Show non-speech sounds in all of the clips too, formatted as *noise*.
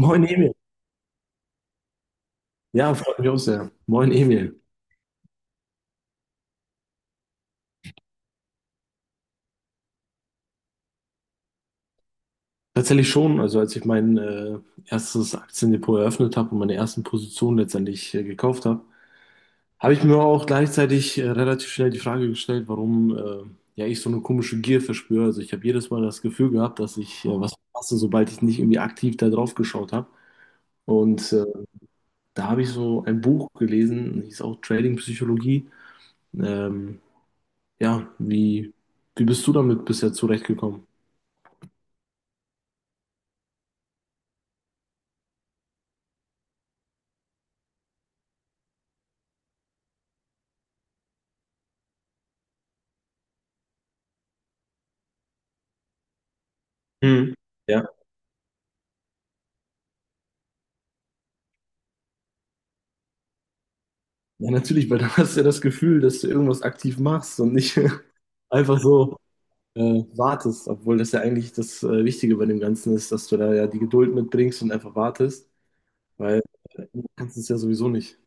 Moin Emil. Ja, freut mich auch sehr. Moin Emil. Tatsächlich schon, also als ich mein erstes Aktiendepot eröffnet habe und meine ersten Positionen letztendlich gekauft habe, habe ich mir auch gleichzeitig relativ schnell die Frage gestellt, warum ja ich so eine komische Gier verspüre. Also ich habe jedes Mal das Gefühl gehabt, dass ich was verpasse, sobald ich nicht irgendwie aktiv da drauf geschaut habe. Und äh, Da habe ich so ein Buch gelesen, hieß auch Trading Psychologie. Ähm, ja, wie bist du damit bisher zurechtgekommen? Hm. Ja, natürlich, weil dann hast du ja das Gefühl, dass du irgendwas aktiv machst und nicht *laughs* einfach so äh, wartest, obwohl das ja eigentlich das Wichtige bei dem Ganzen ist, dass du da ja die Geduld mitbringst und einfach wartest, weil du kannst es ja sowieso nicht.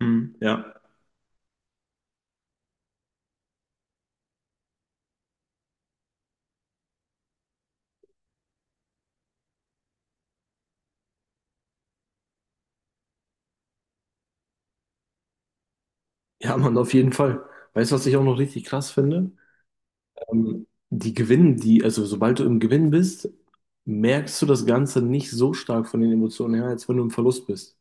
Mhm. Ja. Ja, Mann, auf jeden Fall. Weißt du, was ich auch noch richtig krass finde? Die Gewinnen, die, also sobald du im Gewinn bist, merkst du das Ganze nicht so stark von den Emotionen her, als wenn du im Verlust bist.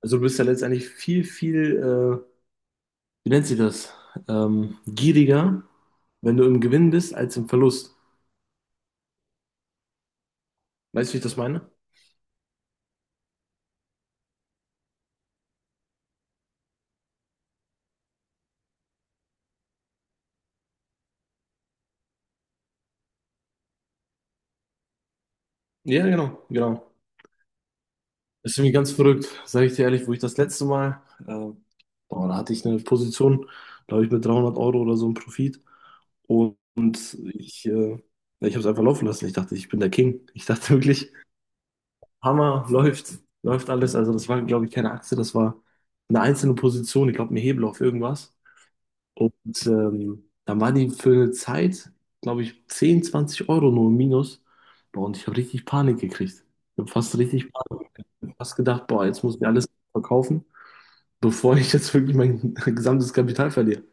Also du bist ja letztendlich viel, viel äh, wie nennt sie das? Gieriger, wenn du im Gewinn bist, als im Verlust. Weißt du, wie ich das meine? Ja, genau, genau. Das ist irgendwie ganz verrückt, sage ich dir ehrlich, wo ich das letzte Mal, äh, boah, da hatte ich eine Position, glaube ich, mit 300€ oder so im Profit. Und ja, ich habe es einfach laufen lassen. Ich dachte, ich bin der King. Ich dachte wirklich, Hammer, läuft alles. Also das war, glaube ich, keine Aktie, das war eine einzelne Position. Ich glaube, ein Hebel auf irgendwas. Und dann war die für eine Zeit, glaube ich, 10 20€ nur im Minus. Boah, und ich habe richtig Panik gekriegt. Ich habe fast richtig Panik. Ich habe fast gedacht, boah, jetzt muss ich alles verkaufen, bevor ich jetzt wirklich mein *laughs* gesamtes Kapital verliere.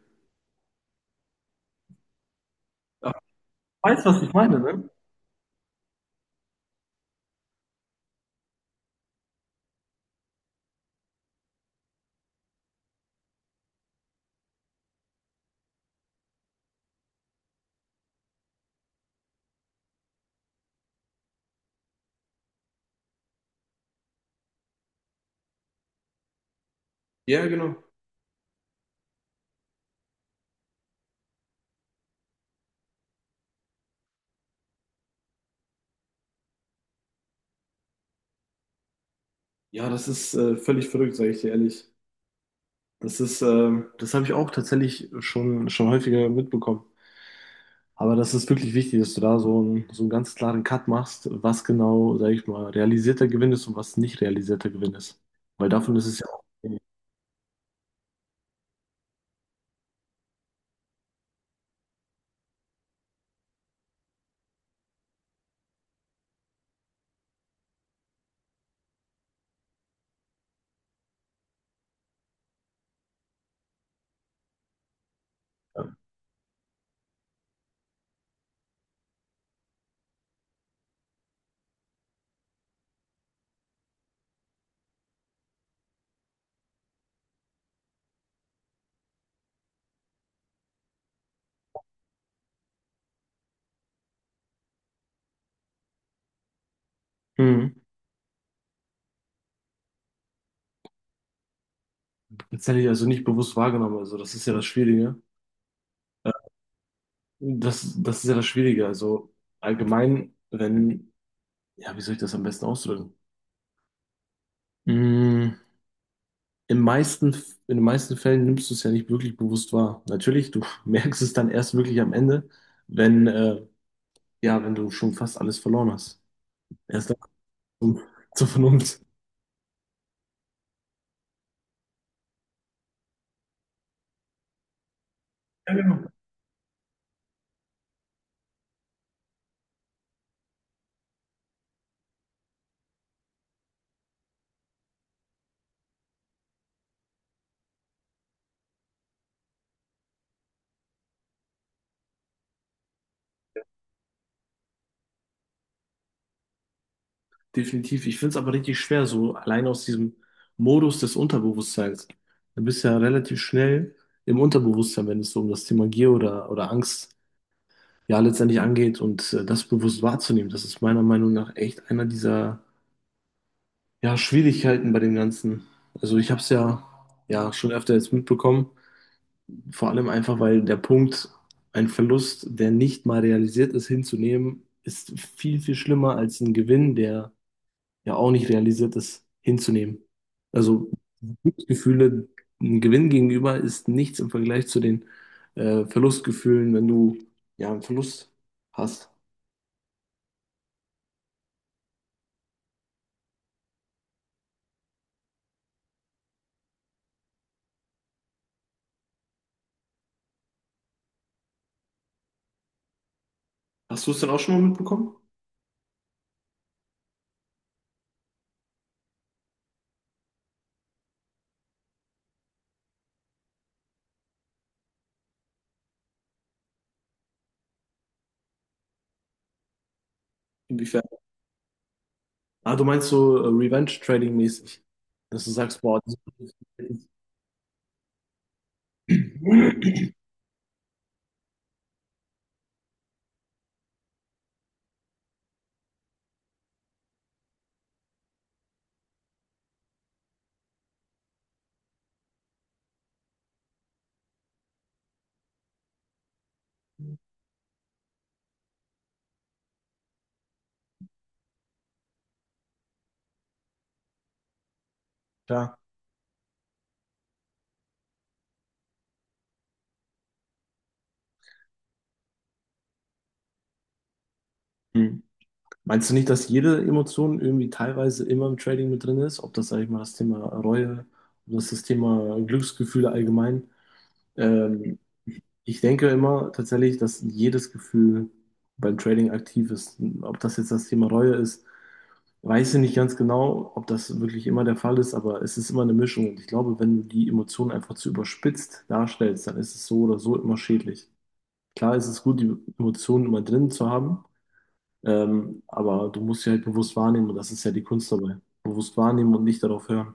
Ja, du weißt, was ich meine, ne? Ja, genau. Ja, das ist völlig verrückt, sage ich dir ehrlich. Das ist, das habe ich auch tatsächlich schon häufiger mitbekommen. Aber das ist wirklich wichtig, dass du da so so einen ganz klaren Cut machst, was genau, sag ich mal, realisierter Gewinn ist und was nicht realisierter Gewinn ist. Weil davon ist es ja auch. Ja. Mhm. Das hätte ich also nicht bewusst wahrgenommen. Also, das ist ja das Schwierige. Ja. Das ist ja das Schwierige. Also, allgemein, wenn, ja, wie soll ich das am besten ausdrücken? Mm, Im meisten, in den meisten Fällen nimmst du es ja nicht wirklich bewusst wahr. Natürlich, du *laughs* merkst es dann erst wirklich am Ende, wenn, ja, wenn du schon fast alles verloren hast. Erst zum, zur Vernunft. Ja, genau. Definitiv. Ich finde es aber richtig schwer, so allein aus diesem Modus des Unterbewusstseins. Du bist ja relativ schnell im Unterbewusstsein, wenn es so um das Thema Gier oder Angst ja letztendlich angeht und das bewusst wahrzunehmen. Das ist meiner Meinung nach echt einer dieser ja, Schwierigkeiten bei dem Ganzen. Also ich habe es ja, ja schon öfter jetzt mitbekommen, vor allem einfach, weil der Punkt, ein Verlust, der nicht mal realisiert ist, hinzunehmen, ist viel, viel schlimmer als ein Gewinn, der ja auch nicht realisiert, das hinzunehmen. Also Glücksgefühle, ein Gewinn gegenüber ist nichts im Vergleich zu den Verlustgefühlen, wenn du ja einen Verlust hast. Hast du es denn auch schon mal mitbekommen? Inwiefern? Ah, du meinst so Revenge Trading mäßig, dass du sagst, boah, das *clears throat* ist klar. Hm. Meinst du nicht, dass jede Emotion irgendwie teilweise immer im Trading mit drin ist? Ob das, sag ich mal, das Thema Reue, ob das das Thema Glücksgefühle allgemein? Ähm, Ich denke immer tatsächlich, dass jedes Gefühl beim Trading aktiv ist. Ob das jetzt das Thema Reue ist, weiß ich nicht ganz genau, ob das wirklich immer der Fall ist, aber es ist immer eine Mischung. Und ich glaube, wenn du die Emotionen einfach zu überspitzt darstellst, dann ist es so oder so immer schädlich. Klar ist es gut, die Emotionen immer drin zu haben, aber du musst sie halt bewusst wahrnehmen und das ist ja die Kunst dabei. Bewusst wahrnehmen und nicht darauf hören.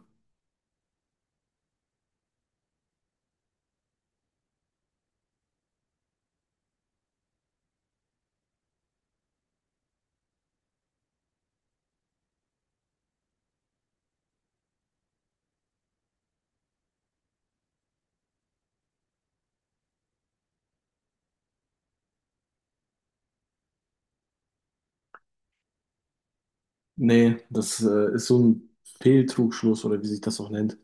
Nee, das ist so ein Fehltrugschluss oder wie sich das auch nennt.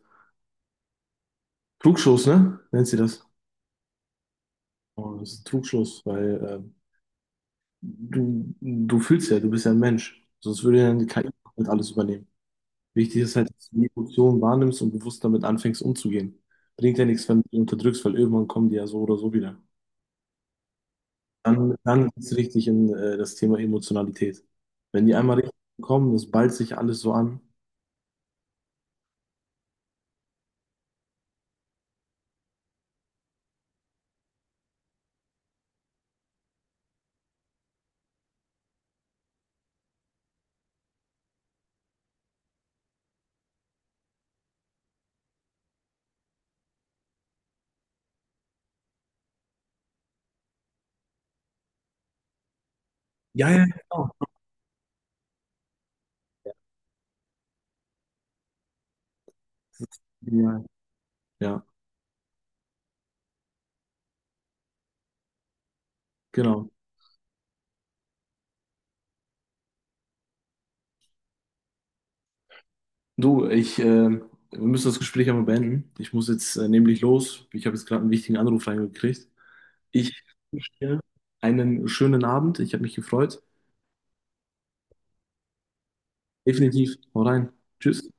Trugschluss, ne? Nennt sie das? Oh, das ist Trugschluss, weil du fühlst ja, du bist ja ein Mensch. Sonst würde ja die KI halt alles übernehmen. Wichtig ist halt, dass du die Emotionen wahrnimmst und bewusst damit anfängst umzugehen. Bringt ja nichts, wenn du die unterdrückst, weil irgendwann kommen die ja so oder so wieder. Dann ist es richtig in das Thema Emotionalität. Wenn die einmal richtig kommen, das ballt sich alles so an. Ja, ja, genau. Das ist genial. Ja, genau. Du, wir müssen das Gespräch einmal beenden. Ich muss jetzt nämlich los. Ich habe jetzt gerade einen wichtigen Anruf reingekriegt. Ich wünsche dir einen schönen Abend. Ich habe mich gefreut. Definitiv. Hau rein. Tschüss.